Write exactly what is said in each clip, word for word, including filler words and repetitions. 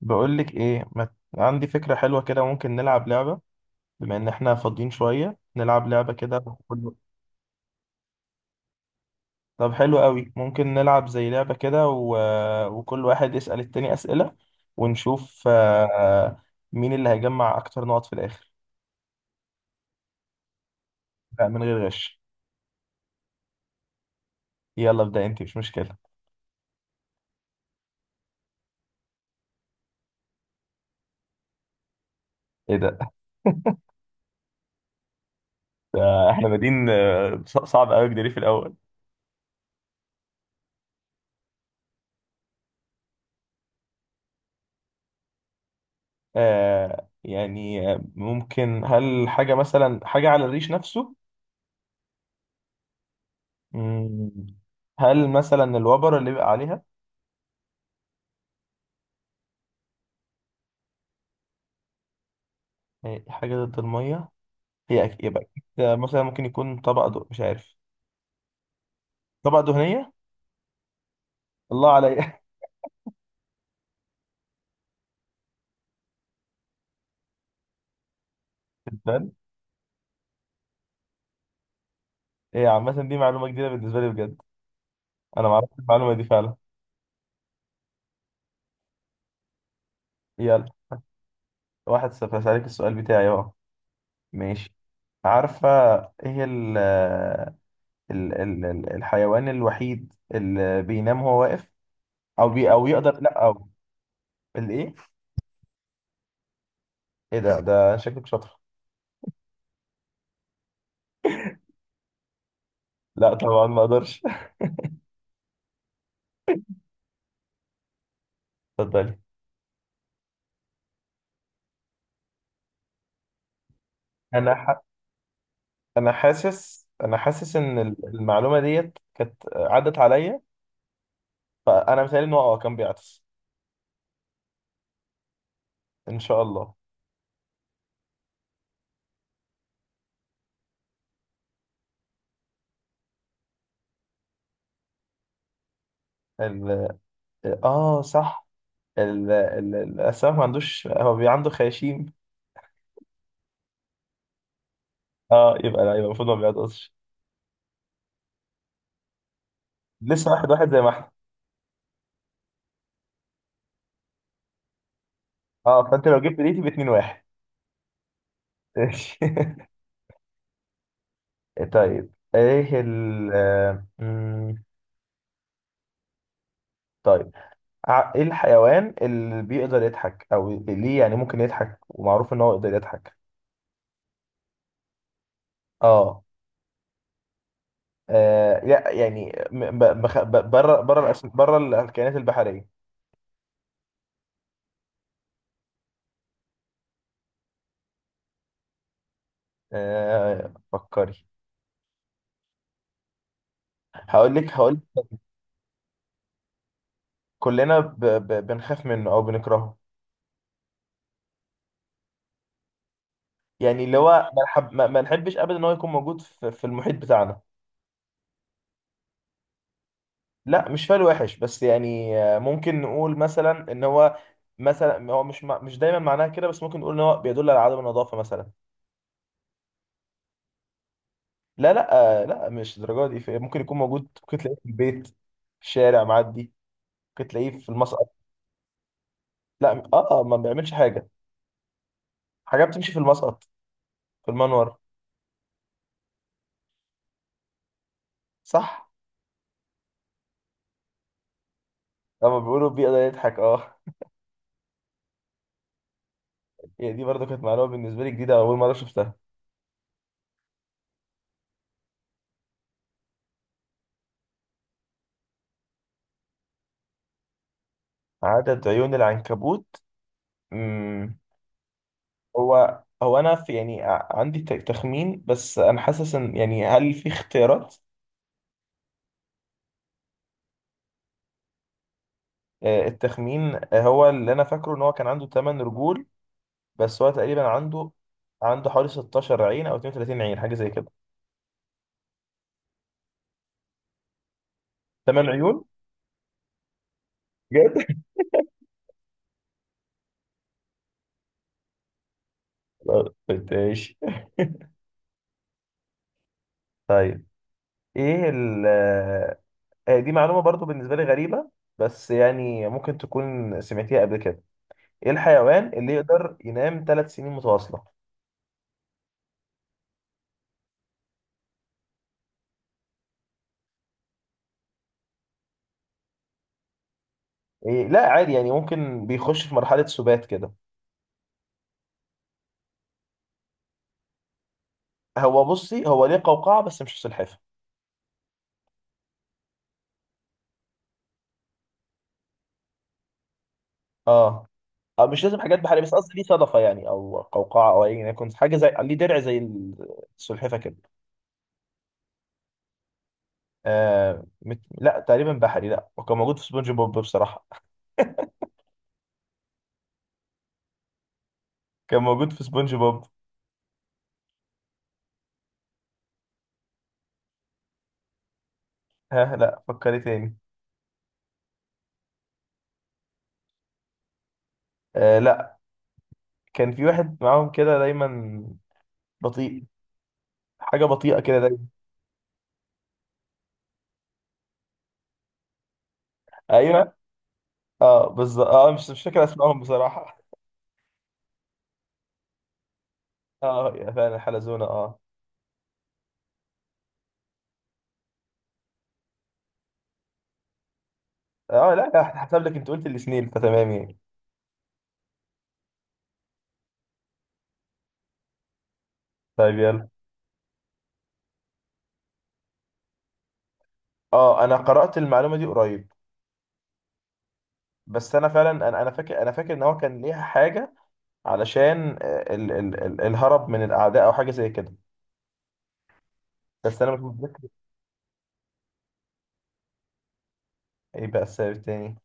بقولك ايه ما... عندي فكرة حلوة كده، ممكن نلعب لعبة. بما ان احنا فاضيين شوية نلعب لعبة كده، وكل- طب حلو قوي، ممكن نلعب زي لعبة كده و... وكل واحد يسأل التاني أسئلة، ونشوف آه، مين اللي هيجمع اكتر نقط في الاخر. لا، من غير غش. يلا ابدأ انت، مش مشكلة. ايه ده؟ ده احنا بادئين آه، ص- صعب قوي جدري في الاول. آه، يعني آه، ممكن هل حاجة، مثلا حاجة على الريش نفسه؟ مم. هل مثلا الوبر اللي بيبقى عليها؟ هي حاجة ضد المية. هي أك- يبقى أكيد. مثلا ممكن يكون طبق دو... مش عارف، طبق دهنية. الله عليا. الفن. هي عامة دي معلومة جديدة بالنسبة لي بجد. أنا ما اعرفش المعلومة دي فعلا. يلا، واحد صفر. هسألك السؤال بتاعي أهو. ماشي. عارفة، إيه هي ال... ال... ال... ال- الحيوان الوحيد اللي بينام وهو واقف، أو بي... أو يقدر، لا أو... الإيه؟ إيه ده ده شكلك شاطر. لا طبعا، ما أقدرش. اتفضلي. أنا انا حاسس انا حاسس ان ال- المعلومه ديت كانت عدت عليا، فانا مثالي ان هو اه كان بيعطس. ان شاء الله. ال... اه صح، ال... ال... الاسماك ما عندوش، هو بي عنده خياشيم. اه يبقى لا، يبقى المفروض ما بيعطسش. لسه واحد واحد زي ما احنا. اه فانت لو جبت دقيقتي باتنين واحد. ماشي. طيب ايه ال آه، مم، طيب، ع- ايه الحيوان اللي بيقدر يضحك او ليه، يعني ممكن يضحك ومعروف ان هو يقدر يضحك؟ اه. آه لا، يعني م- ب- بخ- ب- بره، بره الأس- بره الكائنات البحريه. آه فكري. هقول لك هقول لك، كلنا ب- ب- بنخاف منه او بنكرهه. يعني اللي هو ما نحب، ما ما نحبش ابدا ان هو يكون موجود في في المحيط بتاعنا. لا مش فعل وحش، بس يعني آه، ممكن نقول مثلا ان هو... مثلا هو مش مع- مش دايما معناها كده، بس ممكن نقول ان هو بيدل على عدم النظافه مثلا. لا لا، آه، لا، مش الدرجه دي. في- ممكن يكون موجود، ممكن تلاقيه في البيت، في الشارع معدي، ممكن تلاقيه في المصنع. لا، اه آه، ما بيعملش حاجه. حاجه بتمشي في المسقط، في المنور. صح. لما بيقولوا بيئه ده يضحك، اه. هي دي برضه كانت معلومه بالنسبه لي جديده، اول مره شفتها. عدد عيون العنكبوت. امم. هو هو انا، في يعني ع- عندي ت- تخمين، بس انا حاسس ان، يعني هل في اختيارات؟ آه، التخمين آه، هو اللي انا فاكره ان هو كان عنده 8 رجول، بس هو تقريبا عنده عنده حوالي 16 عين او 32 عين، حاجه زي كده. 8 عيون؟ بجد؟ ماشي، طيب. ايه ال آه، دي معلومة برضو بالنسبة لي غريبة، بس يعني ممكن تكون سمعتيها قبل كده. ايه الحيوان اللي يقدر ينام ثلاث سنين متواصلة؟ إيه؟ لا عادي، يعني ممكن بيخش في مرحلة سبات كده. هو بصي، هو ليه قوقعة بس مش سلحفة. اه. أو مش لازم حاجات بحرية، بس قصدي ليه صدفة يعني، أو قوقعة، أو أي يكون حاجة زي ليه درع زي السلحفة كده. آه مت... لا تقريبا بحري، لا، وكان موجود في سبونج بوب بصراحة. كان موجود في سبونج بوب. ها، لا فكري تاني. آه لا. كان في واحد معاهم كده دايما، بطيء. حاجه بطيئه كده دايما. ايوه. اه بالظبط. اه مش مش فاكر اسمائهم بصراحه. اه، يا فعلا، حلزونه، اه. اه، لا لا، هحسب لك، انت قلت الاثنين فتمام يعني. طيب، يلا. اه انا قرات المعلومه دي قريب، بس انا فعلا انا انا فاكر انا فاكر ان هو كان ليها حاجه علشان آه، ال ال ال الهرب من الاعداء او حاجه زي كده، بس انا مش متذكر. ايه بقى السبب التاني؟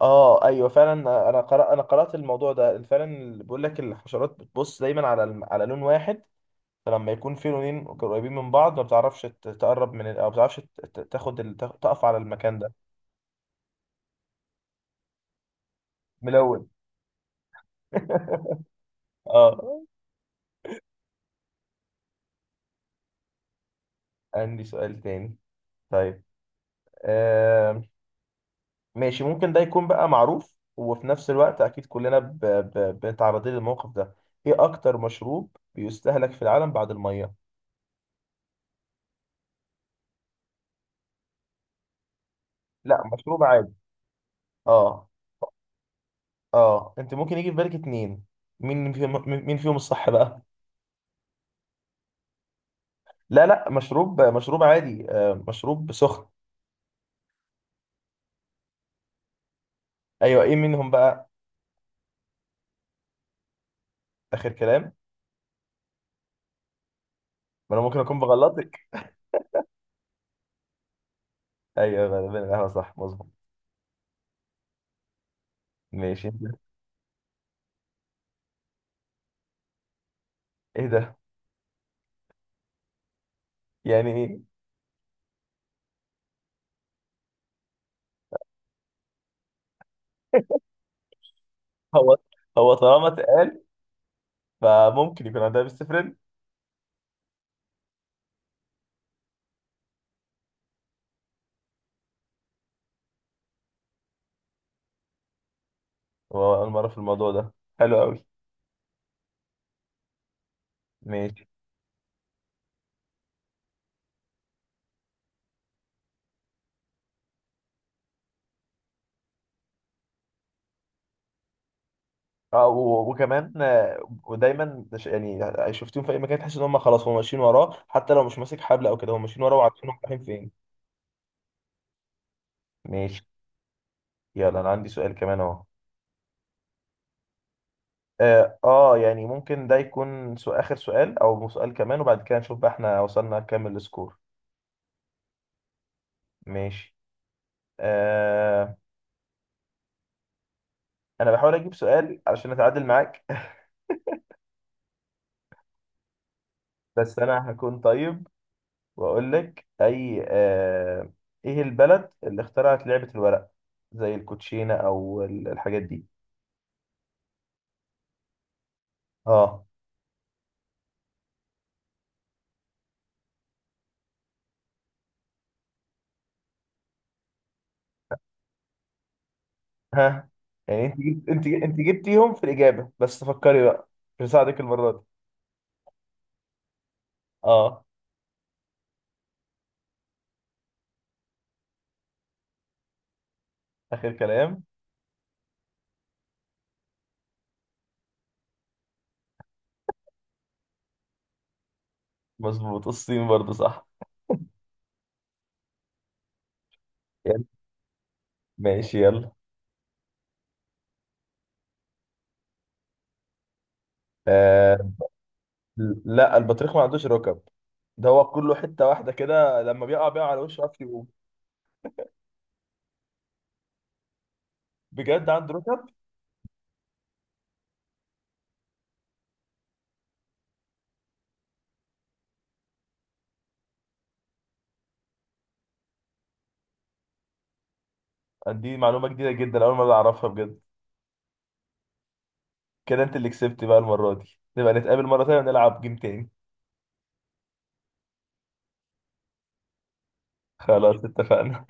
اه ايوه فعلا. انا قرأ انا قرأت الموضوع ده فعلا. بيقول لك الحشرات بتبص دايما على الم- على لون واحد، فلما يكون في لونين قريبين من بعض ما بتعرفش ت- تقرب من ال... او ما بتعرفش ت- ت- تاخد ال... تاخ- تقف على المكان ده. ملون. اه، عندي سؤال تاني. طيب. آه... ماشي، ممكن ده يكون بقى معروف، وفي نفس الوقت اكيد كلنا ب... ب... بنتعرضين للموقف ده. ايه اكتر مشروب بيستهلك في العالم بعد الميه؟ لا، مشروب عادي. اه. اه انت ممكن يجي في بالك اتنين، مين فيهم مين فيهم الصح بقى. لا لا، مشروب مشروب عادي، آه مشروب سخن. ايوه، ايه منهم بقى؟ اخر كلام؟ ما انا ممكن اكون بغلطك. ايوه غالبا القهوه، صح، مظبوط. ماشي. ايه ده، يعني ايه؟ هو هو طالما اتقال، فممكن يكون عندها بيست فريند. هو اول مره في الموضوع ده، حلو قوي. ماشي. اه، و- وكمان آه، ودايما ده ش- يعني شفتهم في اي مكان، تحس ان هم خلاص هم ماشيين وراه، حتى لو مش ماسك حبل او كده، هم ماشيين وراه وعارفين هم رايحين فين. ماشي. يلا انا عندي سؤال كمان اهو. اه آه، يعني ممكن ده يكون سو- اخر سؤال او سؤال كمان، وبعد كده نشوف بقى احنا وصلنا كام السكور. ماشي. آه، انا بحاول اجيب سؤال علشان اتعادل معاك. بس انا هكون طيب واقول لك، اي آه ايه البلد اللي اخترعت لعبة الورق؟ زي الكوتشينة او ال- الحاجات دي. اه. ها، يعني انت جبت، انت انت جبتيهم في الاجابة بس فكري بقى. مش هساعدك المرة دي. اه، اخر كلام. مظبوط، الصين برضه، صح. يلا. ماشي، يلا. آه لا، البطريق ما عندوش ركب. ده هو كله حتة واحدة كده، لما بيقع بيقع على وشه، عارف يقوم. بجد عنده ركب؟ دي معلومة جديدة جدا، أول مرة أعرفها بجد. كده أنت اللي كسبت بقى المرة دي، نبقى نتقابل مرة تانية ونلعب جيم تاني. خلاص، اتفقنا.